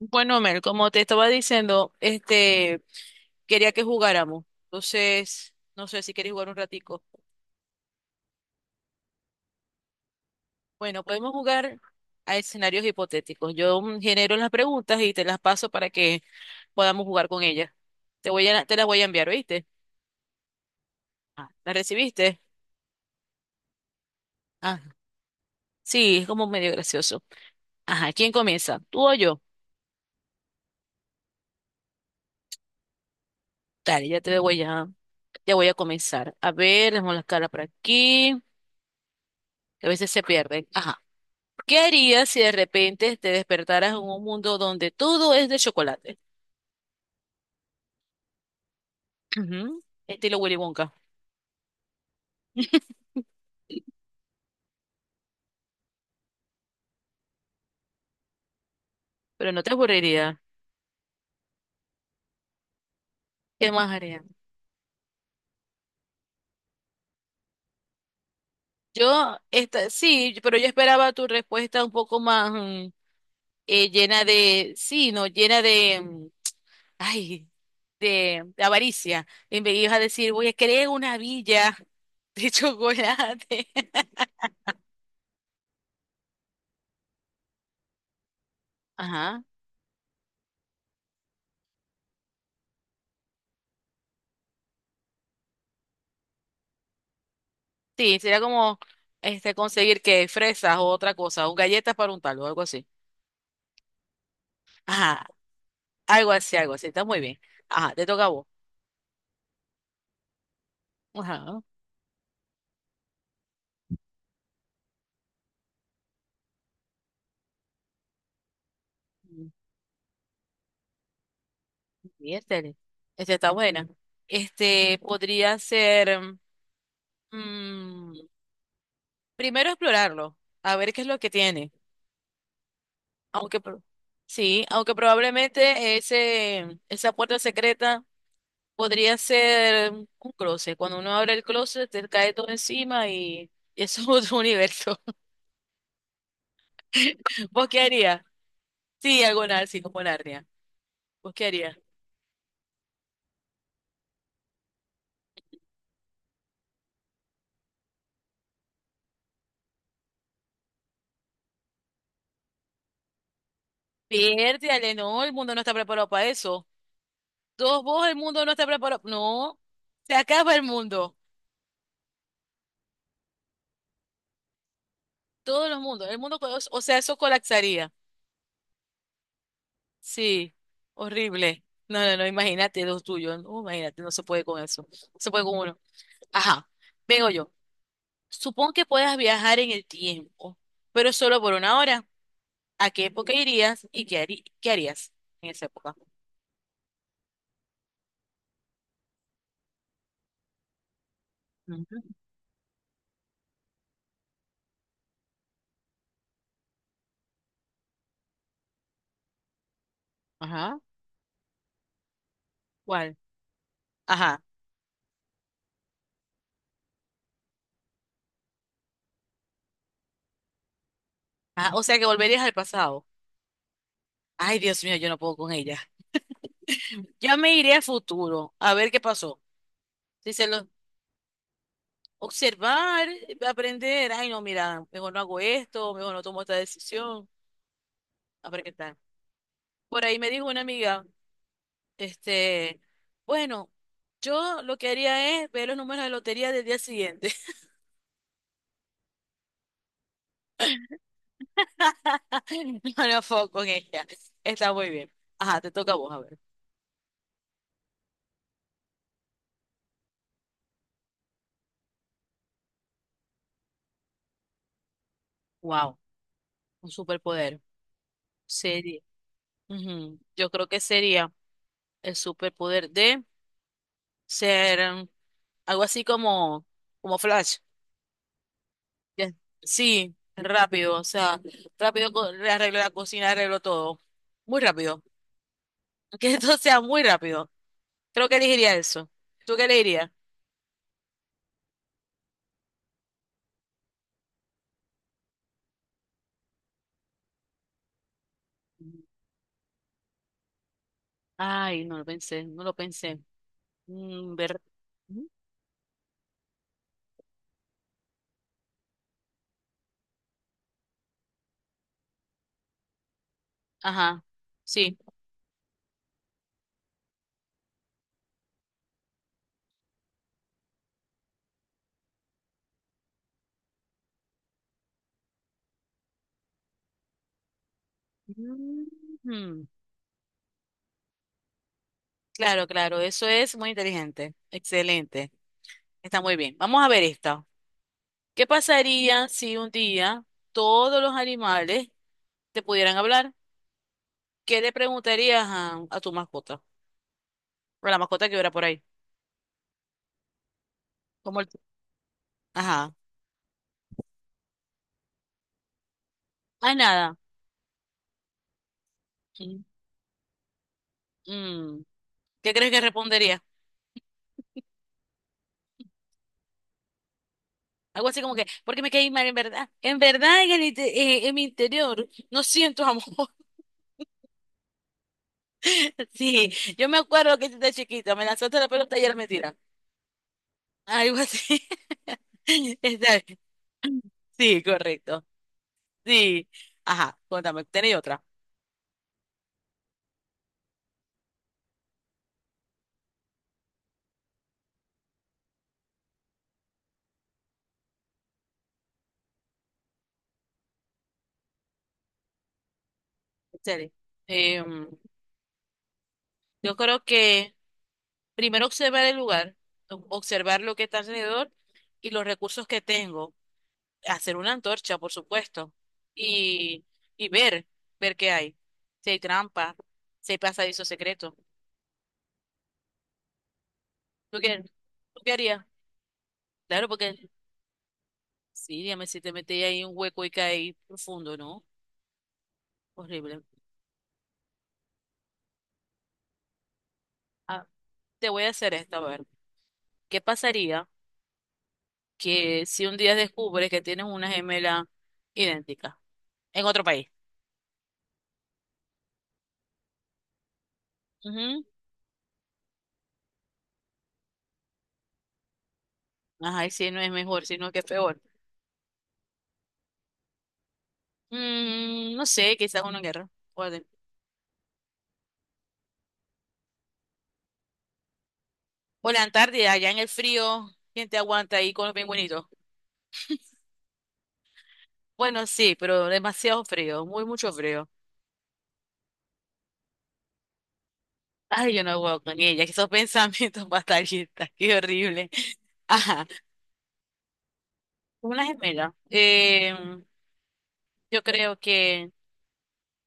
Bueno, Mel, como te estaba diciendo, quería que jugáramos. Entonces, no sé si quieres jugar un ratico. Bueno, podemos jugar a escenarios hipotéticos. Yo genero las preguntas y te las paso para que podamos jugar con ellas. Te las voy a enviar, ¿oíste? Ah, ¿las recibiste? Ah, sí, es como medio gracioso. Ajá, ¿quién comienza? ¿Tú o yo? Dale, ya voy a comenzar. A ver, dejemos las caras por aquí que a veces se pierden. Ajá. ¿Qué harías si de repente te despertaras en un mundo donde todo es de chocolate? Ujú, estilo Willy Wonka. Pero no te aburriría. ¿Qué más haría? Sí, pero yo esperaba tu respuesta un poco más llena de, sí, no, llena de, ay, de avaricia. Y me ibas a decir, voy a crear una villa de chocolate. Ajá. Sí, sería como conseguir que fresas o otra cosa, o galletas para untarlo, algo así. Ajá. Algo así, algo así. Está muy bien. Ajá, te toca a vos. Ajá. Miércoles. Esta está buena. Este podría ser. mm, primero explorarlo, a ver qué es lo que tiene. Aunque pro- sí, aunque probablemente esa puerta secreta podría ser un closet. Cuando uno abre el closet, te cae todo encima y eso es otro universo. ¿Vos qué harías? Sí, algo así como Narnia. ¿Vos qué harías? Piérdale, no, el mundo no está preparado para eso. Todos vos, el mundo no está preparado. No, se acaba el mundo. Todos los mundos. O sea, eso colapsaría. Sí, horrible. No, no, no, imagínate los tuyos. No, imagínate, no se puede con eso. No se puede con uno. Ajá, vengo yo. Supón que puedas viajar en el tiempo, pero solo por una hora. ¿A qué época irías y qué harías en esa época? Ujú. Ajá. ¿Cuál? Ajá. Ajá. O sea que volverías al pasado. Ay, Dios mío, yo no puedo con ella. Yo me iré al futuro a ver qué pasó. Dicen lo observar, aprender. Ay, no, mira, mejor no hago esto, mejor no tomo esta decisión. A ver qué tal. Por ahí me dijo una amiga, este, bueno, yo lo que haría es ver los números de lotería del día siguiente. No me enfoco con ella. Está muy bien. Ajá, te toca a vos, a ver. Wow, un superpoder. Sería. Ujú, yo creo que sería el superpoder de ser, algo así como, como Flash. Ya- Sí, rápido, o sea, le arreglo la cocina, arreglo todo. Muy rápido. Que esto sea muy rápido. Creo que elegiría eso. ¿Tú qué elegirías? Ay, no lo pensé, no lo pensé. Mm, ver... Ujú. Ajá, sí. Ujú. Claro, claro, eso es muy inteligente. Excelente. Está muy bien. Vamos a ver esta. ¿Qué pasaría si un día todos los animales te pudieran hablar? ¿Qué le preguntarías a tu mascota? Pero la mascota que hubiera por ahí. Como el... Ajá. Ay, nada. Sí. Mm, ¿qué crees que respondería? Algo así como que porque me caí mal, en verdad. En verdad, en mi interior, no siento amor. Sí, yo me acuerdo que desde chiquita me lanzaste la pelota y era mentira. Algo así. Está bien. Sí, correcto. Sí. Ajá, cuéntame, ¿tenéis otra? Excelente. Em, yo creo que primero observar el lugar, observar lo que está alrededor y los recursos que tengo. Hacer una antorcha, por supuesto, y, y ver, ver qué hay. Si hay trampa, si hay pasadizo secreto. ¿Tú qué, tú qué harías? Claro, porque sí, dígame si te metes ahí en un hueco y caes profundo, ¿no? Horrible. Ah, te voy a hacer esta, a ver. ¿Qué pasaría que si un día descubres que tienes una gemela idéntica en otro país? Ujú. Ajá, y si no es mejor, sino que es peor. Mm, no sé, quizás una guerra. O la Antártida, allá en el frío, ¿quién te aguanta ahí con los pingüinitos? Bueno, sí, pero demasiado frío, muy mucho frío. Ay, yo no puedo con ella, que esos pensamientos fatalistas, qué horrible. Ajá, una gemela. Yo creo que,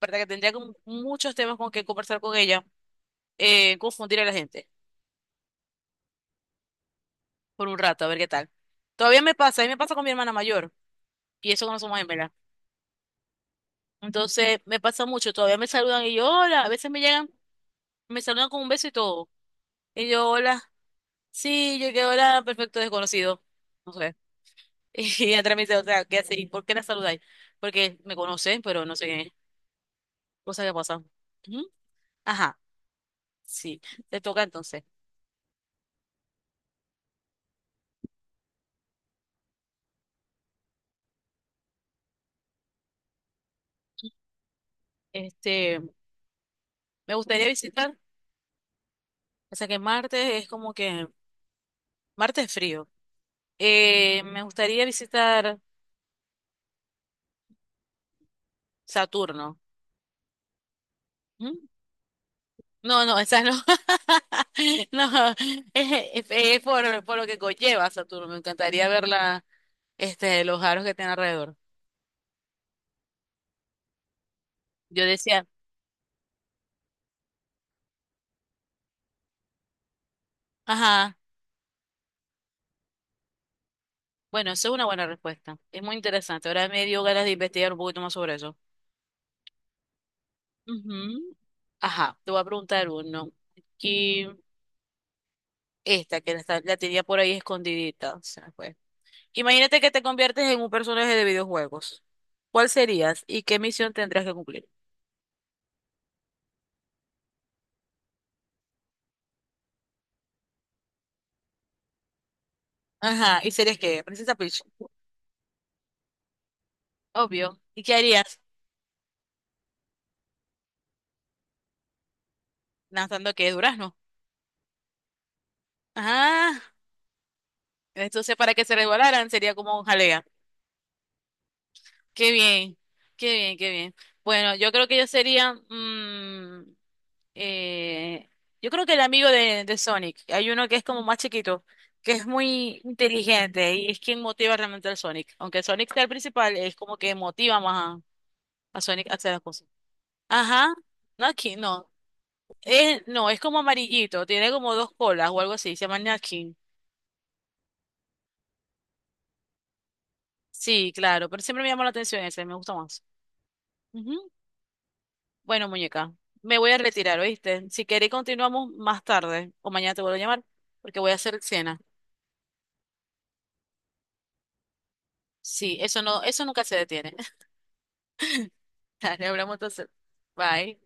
verdad que tendría como muchos temas con que conversar con ella, confundir a la gente por un rato, a ver qué tal. Todavía me pasa, a mí me pasa con mi hermana mayor, y eso que no somos gemelas. Entonces, me pasa mucho, todavía me saludan y yo, hola, a veces me llegan, me saludan con un beso y todo. Y yo, hola. Sí, yo que hola, perfecto desconocido. No sé. Y atrás me dice, otra ¿qué hace? ¿Y por qué la saludáis? Porque me conocen, pero no sé qué es. Cosa que pasa. Ujú. Ajá, sí, te toca entonces. Este, me gustaría visitar, o sea que Marte es como que, Marte es frío. Me gustaría visitar Saturno. ¿Mm? No, no, esa no. No, es por lo que conlleva Saturno. Me encantaría ver la, los aros que tiene alrededor. Yo decía. Ajá. Bueno, esa es una buena respuesta. Es muy interesante. Ahora me dio ganas de investigar un poquito más sobre eso. Ujú. Ajá, te voy a preguntar uno. Aquí, esta que la, está- la tenía por ahí escondidita. Se me fue. Imagínate que te conviertes en un personaje de videojuegos. ¿Cuál serías y qué misión tendrías que cumplir? Ajá, ¿y serías qué? Princesa Peach. Obvio. ¿Y qué harías? Lanzando que durazno. Ajá. Entonces, para que se resbalaran, sería como un jalea. Qué bien, qué bien, qué bien. Bueno, yo creo que yo sería, eh, yo creo que el amigo de Sonic, hay uno que es como más chiquito, que es muy inteligente y es quien motiva realmente al Sonic. Aunque Sonic sea el principal, es como que motiva más a Sonic a hacer las cosas. Ajá, Nutkin, no, es, no, es como amarillito, tiene como dos colas o algo así, se llama Nutkin. Sí, claro, pero siempre me llama la atención ese, me gusta más. Bueno, muñeca, me voy a retirar, ¿oíste? Si queréis continuamos más tarde o mañana te vuelvo a llamar porque voy a hacer cena. Sí, eso no, eso nunca se detiene. Dale, hablamos entonces. Bye.